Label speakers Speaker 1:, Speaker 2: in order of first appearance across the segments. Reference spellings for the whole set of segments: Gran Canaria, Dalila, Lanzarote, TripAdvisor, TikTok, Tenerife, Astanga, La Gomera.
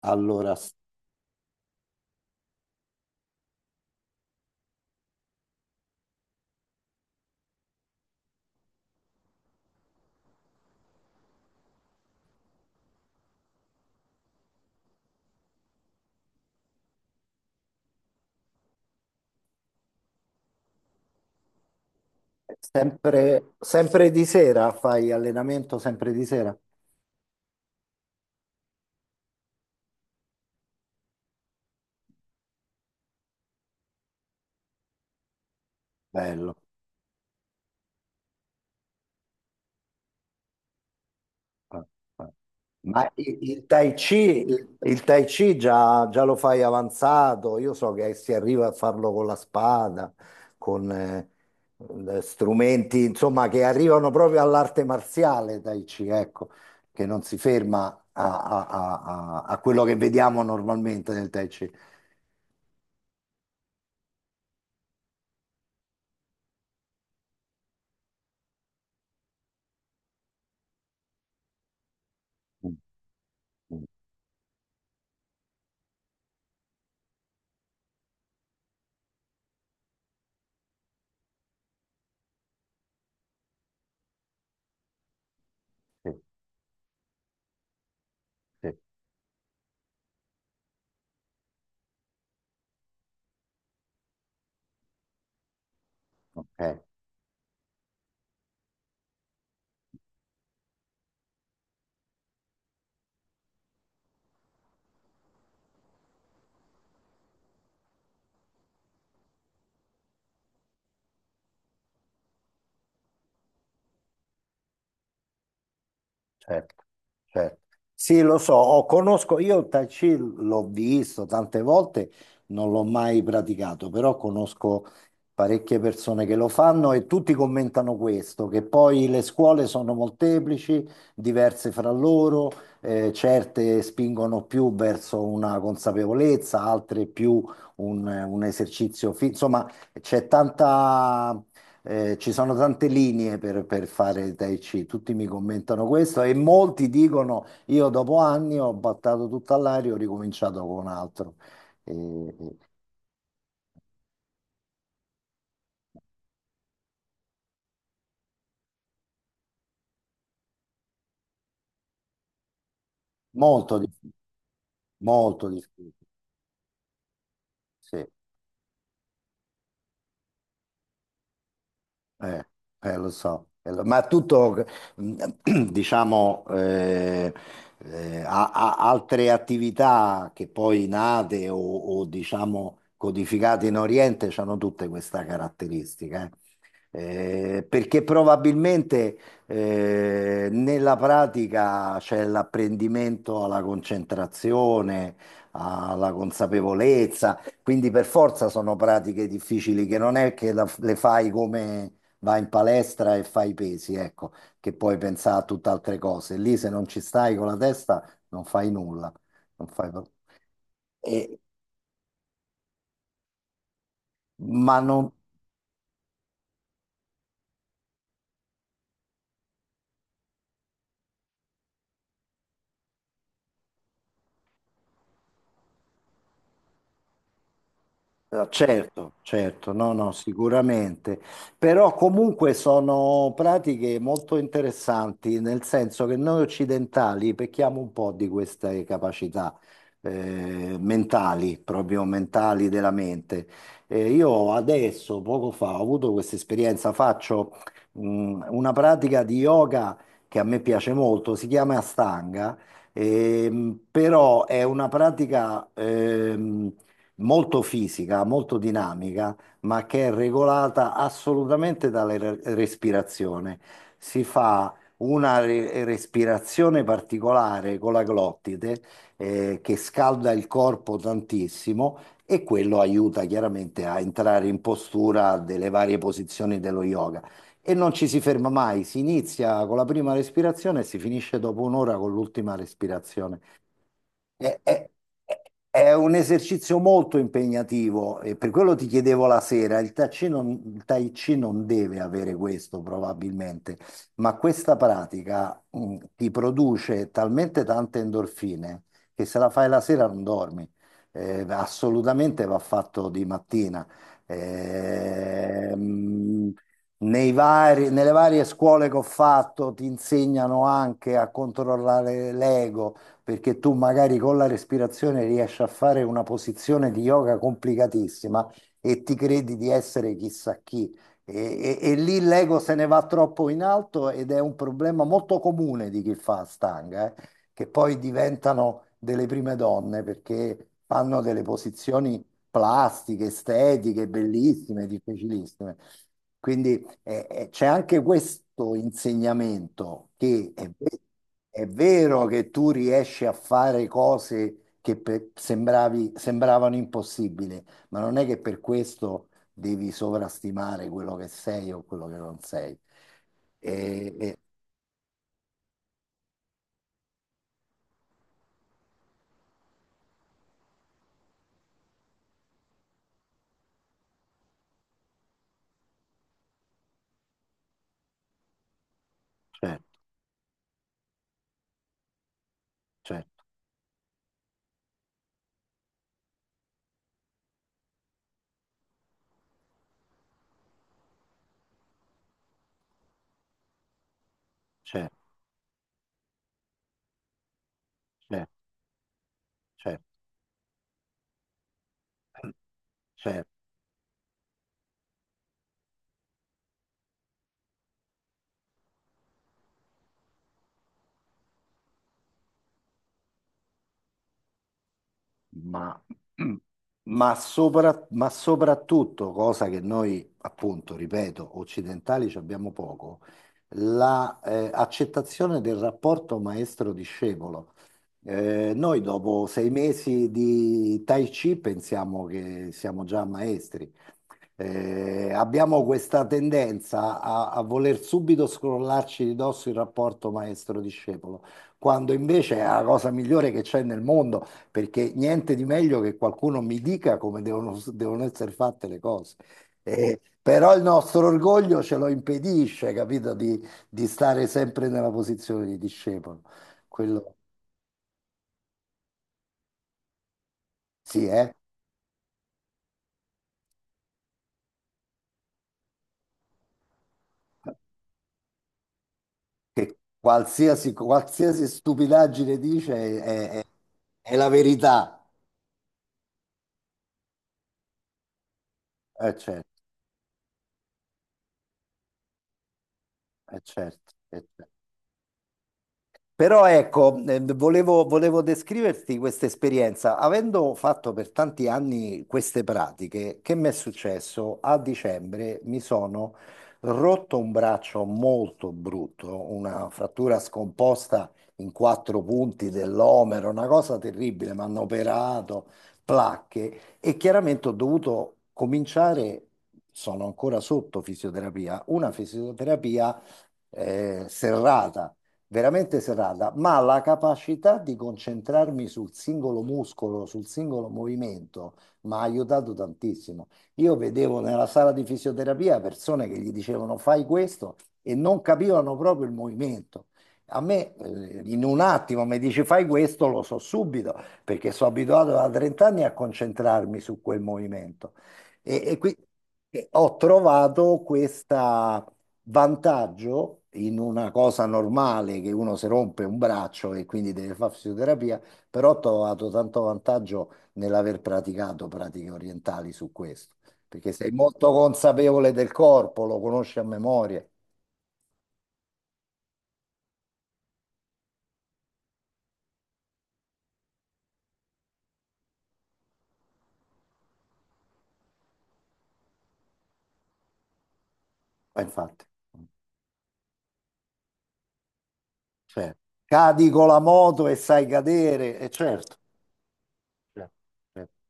Speaker 1: Allora, s- sempre, sempre di sera fai allenamento, sempre di sera? Bello. Eh, eh. Tai Chi, il Tai Chi già lo fai avanzato, io so che si arriva a farlo con la spada, con strumenti, insomma, che arrivano proprio all'arte marziale Tai Chi, ecco, che non si ferma a quello che vediamo normalmente nel Tai Chi. Mm, mm, sì, sì, ok. Certo, certo. Sì, lo so, conosco, io il Tai Chi l'ho visto tante volte, non l'ho mai praticato, però conosco parecchie persone che lo fanno e tutti commentano questo, che poi le scuole sono molteplici, diverse fra loro, certe spingono più verso una consapevolezza, altre più un esercizio, insomma, c'è tanta ci sono tante linee per fare il Tai Chi, tutti mi commentano questo e molti dicono io dopo anni ho battato tutta all'aria, ho ricominciato con altro. Eh, eh, molto difficile, molto difficile, sì. Eh, ma tutto, mm, diciamo, altre attività che poi nate diciamo codificate in Oriente hanno tutte questa caratteristica, eh. Perché probabilmente nella pratica c'è l'apprendimento alla concentrazione, alla consapevolezza, quindi per forza sono pratiche difficili che non è che le fai come vai in palestra e fai i pesi, ecco, che puoi pensare a tutt'altre cose. Lì se non ci stai con la testa non fai nulla, non e, ma non... certo, certo, no, no, sicuramente, però comunque sono pratiche molto interessanti, nel senso che noi occidentali pecchiamo un po' di queste capacità mentali, proprio mentali della mente. Io adesso, poco fa, ho avuto questa esperienza, faccio una pratica di yoga che a me piace molto, si chiama Astanga, però è una pratica, molto fisica, molto dinamica, ma che è regolata assolutamente dalla respirazione. Si fa una respirazione particolare con la glottide, che scalda il corpo tantissimo e quello aiuta chiaramente a entrare in postura delle varie posizioni dello yoga. E non ci si ferma mai, si inizia con la prima respirazione e si finisce dopo un'ora con l'ultima respirazione. È, è- è un esercizio molto impegnativo e per quello ti chiedevo la sera, il Tai Chi non deve avere questo probabilmente, ma questa pratica ti produce talmente tante endorfine che se la fai la sera non dormi. Assolutamente va fatto di mattina. Ehm, nelle varie scuole che ho fatto ti insegnano anche a controllare l'ego perché tu magari con la respirazione riesci a fare una posizione di yoga complicatissima e ti credi di essere chissà chi. E lì l'ego se ne va troppo in alto ed è un problema molto comune di chi fa stanga, che poi diventano delle prime donne perché fanno delle posizioni plastiche, estetiche, bellissime, difficilissime. Quindi c'è anche questo insegnamento che è vero che tu riesci a fare cose che sembravano impossibili, ma non è che per questo devi sovrastimare quello che sei o quello che non sei. E, e- certo, certo, certo, certo, certo, certo. Ma, ma soprattutto, cosa che noi, appunto, ripeto, occidentali ci abbiamo poco, la, accettazione del rapporto maestro-discepolo. Noi dopo sei mesi di Tai Chi pensiamo che siamo già maestri. Abbiamo questa tendenza a voler subito scrollarci di dosso il rapporto maestro-discepolo, quando invece è la cosa migliore che c'è nel mondo perché niente di meglio che qualcuno mi dica come devono essere fatte le cose. Però il nostro orgoglio ce lo impedisce, capito, di stare sempre nella posizione di discepolo. Quello sì, che qualsiasi stupidaggine dice è, è- è la verità. È certo, è certo, è certo. Però ecco, volevo descriverti questa esperienza. Avendo fatto per tanti anni queste pratiche, che mi è successo? A dicembre mi sono rotto un braccio molto brutto, una frattura scomposta in quattro punti dell'omero, una cosa terribile. Mi hanno operato, placche e chiaramente ho dovuto cominciare, sono ancora sotto fisioterapia, una fisioterapia serrata veramente serrata, ma la capacità di concentrarmi sul singolo muscolo, sul singolo movimento, mi ha aiutato tantissimo. Io vedevo nella sala di fisioterapia persone che gli dicevano fai questo e non capivano proprio il movimento. A me, in un attimo mi dici fai questo, lo so subito, perché sono abituato da 30 anni a concentrarmi su quel movimento. E, e qui e ho trovato questo vantaggio in una cosa normale che uno si rompe un braccio e quindi deve fare fisioterapia, però ho trovato tanto vantaggio nell'aver praticato pratiche orientali su questo, perché sei molto consapevole del corpo, lo conosci a memoria. Ma infatti, cioè, cadi con la moto e sai cadere, e certo, certo, certo.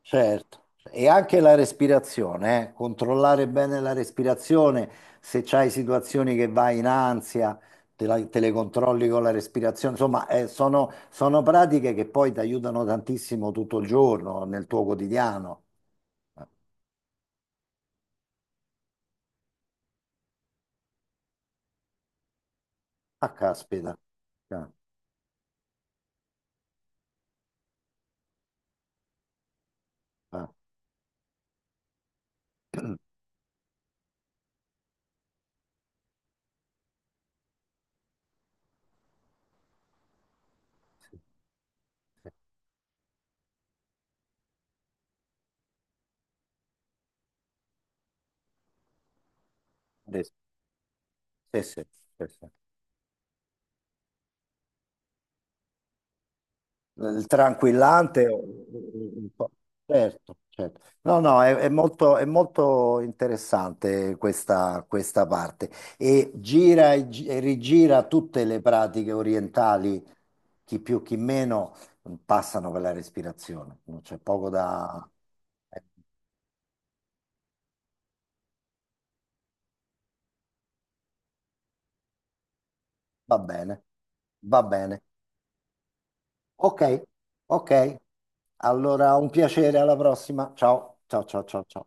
Speaker 1: Certo, e anche la respirazione, eh. Controllare bene la respirazione, se c'hai situazioni che vai in ansia, te, te le controlli con la respirazione, insomma, sono pratiche che poi ti aiutano tantissimo tutto il giorno nel tuo quotidiano. Ah, ah, caspita. Ah, ah, sì, sì, sì. Adesso... sì, sì, sì, sì. Il tranquillante, un po'. Certo, certo. No, no, è molto interessante questa, questa parte e gira e rigira tutte le pratiche orientali, chi più chi meno, passano per la respirazione, non c'è poco da... eh, va bene, va bene. Ok, ok. Allora, un piacere, alla prossima. Ciao, ciao, ciao, ciao, ciao.